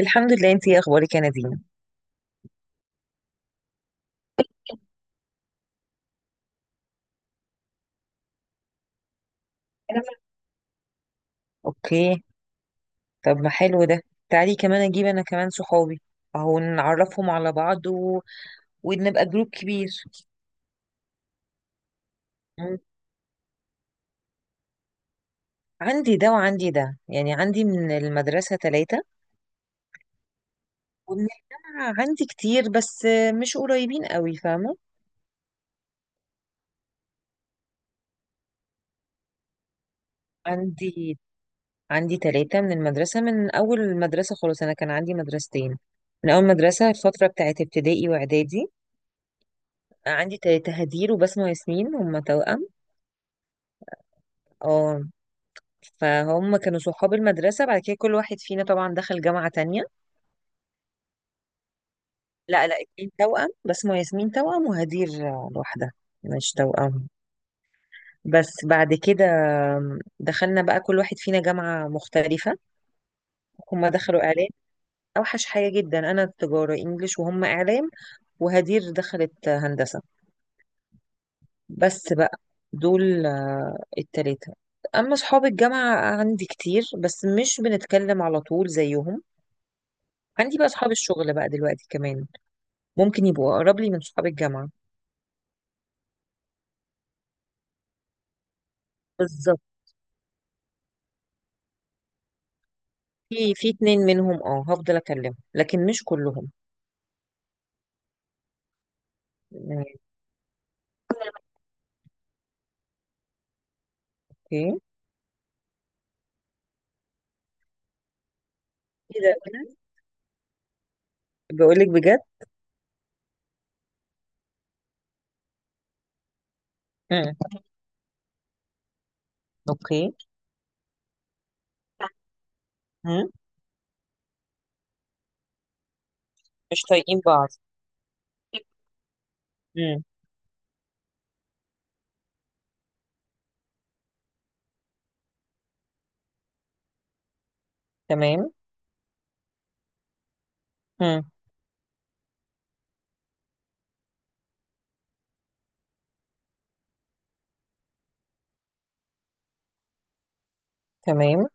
الحمد لله. انتي ايه اخبارك يا نادين؟ أنا اوكي. طب ما حلو ده. تعالي كمان اجيب انا كمان صحابي. اهو نعرفهم على بعض ونبقى جروب كبير. مم. عندي ده وعندي ده، يعني عندي من المدرسة ثلاثة ومن الجامعة عندي كتير بس مش قريبين قوي، فاهمة؟ عندي عندي ثلاثة من المدرسة. من أول المدرسة خلاص، أنا كان عندي مدرستين، من أول مدرسة الفترة بتاعت ابتدائي وإعدادي. عندي ثلاثة: هدير وبسمة وياسمين، هما توأم. اه. فهم كانوا صحاب المدرسة، بعد كده كل واحد فينا طبعا دخل جامعة تانية. لا لا، اتنين توأم بس، ما ياسمين توأم وهدير لوحدها، مش توأم. بس بعد كده دخلنا بقى كل واحد فينا جامعة مختلفة. هما دخلوا إعلام، أوحش حاجة جدا. أنا تجارة إنجليش وهم إعلام، وهدير دخلت هندسة. بس بقى، دول التلاتة. أما أصحاب الجامعة عندي كتير بس مش بنتكلم على طول زيهم. عندي بقى أصحاب الشغل بقى دلوقتي كمان، ممكن يبقوا اقرب لي من صحاب الجامعه. بالظبط. في اتنين منهم، هفضل اكلمهم لكن مش كلهم. يعني. اوكي. ايه ده! بقول لك بجد. امم. اوكي. امم. مش طايقين بعض. امم. تمام. امم. تمام.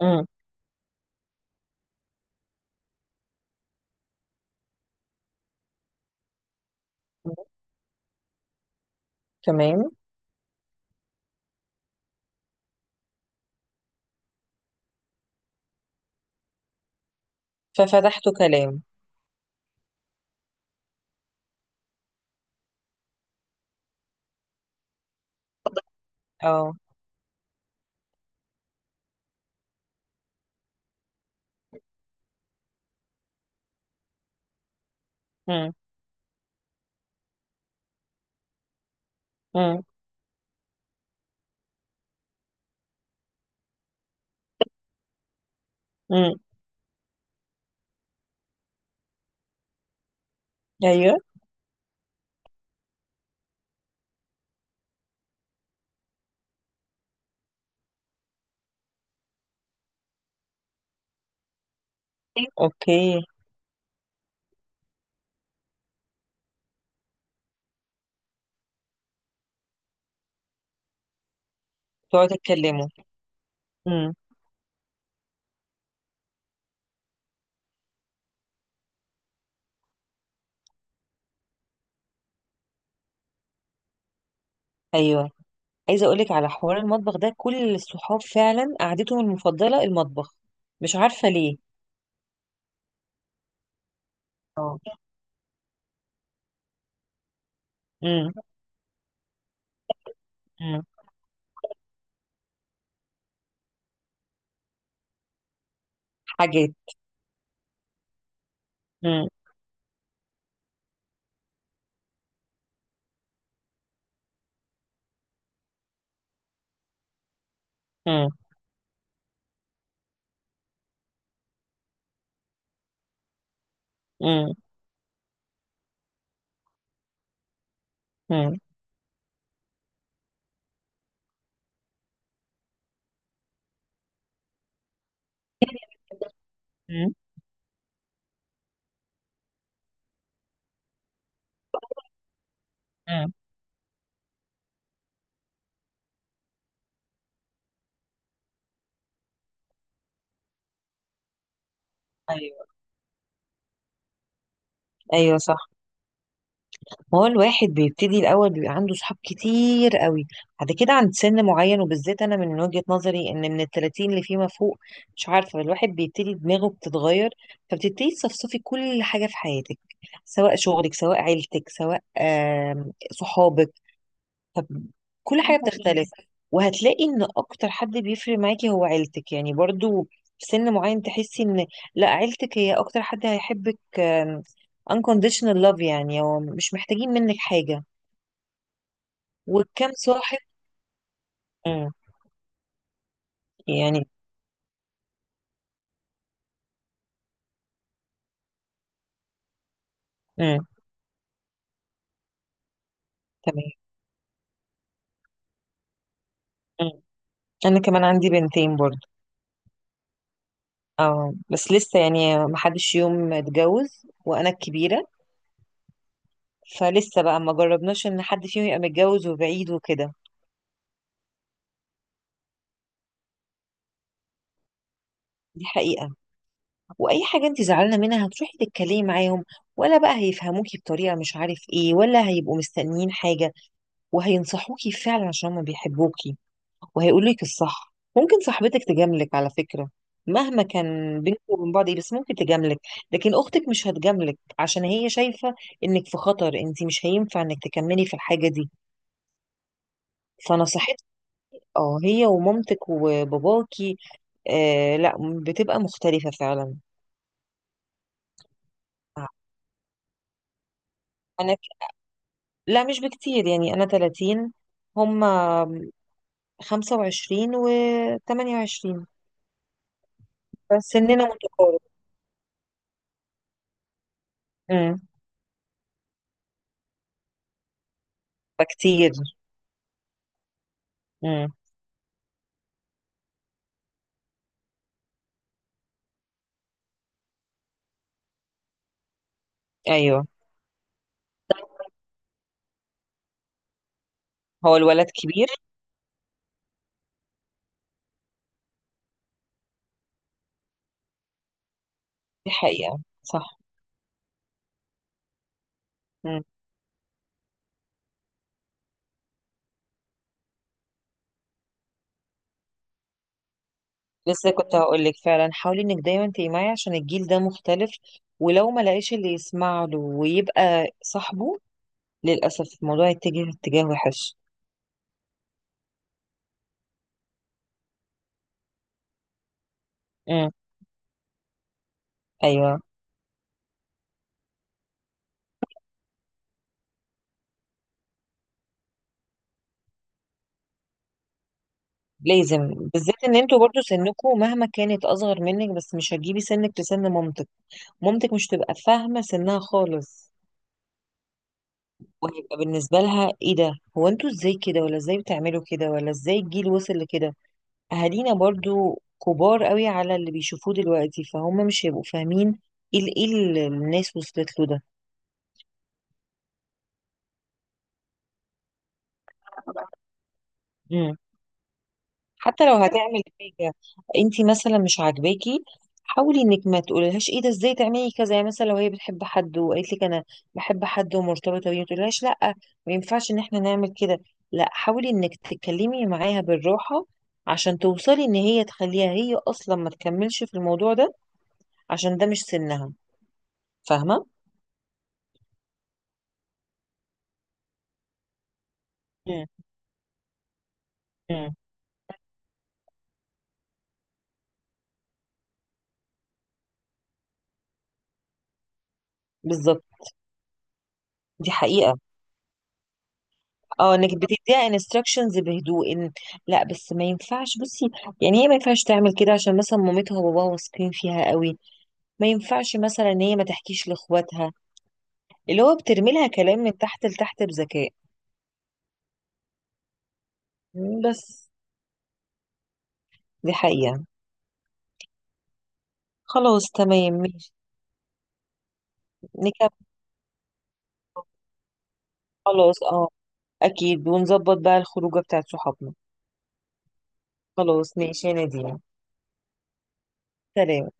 امم. تمام. ففتحت كلام. اه. امم. امم. امم. ايوه. اوكي. تقعدوا تتكلموا. امم. ايوه، عايزه اقول لك على حوار المطبخ ده، كل الصحاب فعلا قعدتهم المفضله المطبخ، مش عارفه ليه. اه. امم. امم. حاجات. امم. امم. امم. امم. امم. امم. ايوه. ايوه صح. ما هو الواحد بيبتدي الاول بيبقى عنده صحاب كتير قوي، بعد كده عند سن معين، وبالذات انا من وجهة نظري، ان من التلاتين اللي فيما فوق، مش عارفه، الواحد بيبتدي دماغه بتتغير، فبتبتدي تصفصفي كل حاجه في حياتك، سواء شغلك سواء عيلتك سواء صحابك. طب، كل حاجة بتختلف، وهتلاقي ان اكتر حد بيفرق معاكي هو عيلتك يعني برضو. في سن معين تحسي ان، لا، عيلتك هي اكتر حد هيحبك، unconditional love، يعني هو مش محتاجين منك حاجة. وكم صاحب. مم. يعني. مم. تمام. مم. انا كمان عندي بنتين برضو. اه بس لسه يعني ما حدش يوم اتجوز وانا الكبيرة، فلسه بقى ما جربناش ان حد فيهم يبقى متجوز وبعيد وكده. دي حقيقة. واي حاجه انت زعلانه منها هتروحي تتكلمي معاهم، ولا بقى هيفهموكي بطريقه مش عارف ايه، ولا هيبقوا مستنيين حاجه، وهينصحوكي فعلا عشان هما بيحبوكي، وهيقولولك الصح. ممكن صاحبتك تجاملك على فكره، مهما كان بينكم وبين بعض ايه بس ممكن تجاملك، لكن اختك مش هتجاملك عشان هي شايفه انك في خطر، انت مش هينفع انك تكملي في الحاجه دي. فنصيحتك اه هي ومامتك وباباكي، لا بتبقى مختلفه. فعلا. لا مش بكتير، يعني أنا 30، هم 25 و 28، فسننا متقارب. امم. فكتير. امم. أيوه. هو الولد كبير. دي حقيقة صح. مم. لسه كنت هقول لك فعلا، حاولي انك دايما تبقي معي عشان الجيل ده مختلف، ولو ما لقاش اللي يسمع له ويبقى صاحبه، للأسف الموضوع يتجه اتجاه وحش. مم. ايوه لازم. بالذات ان انتوا برضو سنكم مهما كانت اصغر منك، بس مش هتجيبي سنك لسن مامتك. مامتك مش تبقى فاهمة سنها خالص، وهيبقى بالنسبة لها ايه ده، هو انتوا ازاي كده؟ ولا ازاي بتعملوا كده؟ ولا ازاي الجيل وصل لكده؟ اهالينا برضو كبار قوي على اللي بيشوفوه دلوقتي، فهم مش هيبقوا فاهمين ايه ايه اللي الناس وصلت له. ده، حتى لو هتعمل حاجة انتي مثلا مش عاجباكي، حاولي انك ما تقوليلهاش ايه ده ازاي تعملي كذا، يعني مثلا لو هي بتحب حد وقالت لك انا بحب حد ومرتبطة بيه، ما تقوليلهاش لا ما ينفعش ان احنا نعمل كده، لا، حاولي انك تتكلمي معاها بالراحة عشان توصلي ان هي تخليها هي اصلا ما تكملش في الموضوع ده عشان ده مش سنها. فاهمة؟ مم. مم. بالظبط. دي حقيقة. اه انك بتديها انستراكشنز بهدوء، إن لا بس ما ينفعش، بصي يعني هي ما ينفعش تعمل كده عشان مثلا مامتها وباباها واثقين فيها قوي، ما ينفعش مثلا ان هي ما تحكيش لاخواتها، اللي هو بترمي لها كلام من تحت لتحت بذكاء بس. دي حقيقة. خلاص تمام ماشي. نكمل. خلاص، اكيد، ونظبط بقى الخروجه بتاعت صحابنا. خلاص ماشي يا نادين. سلام.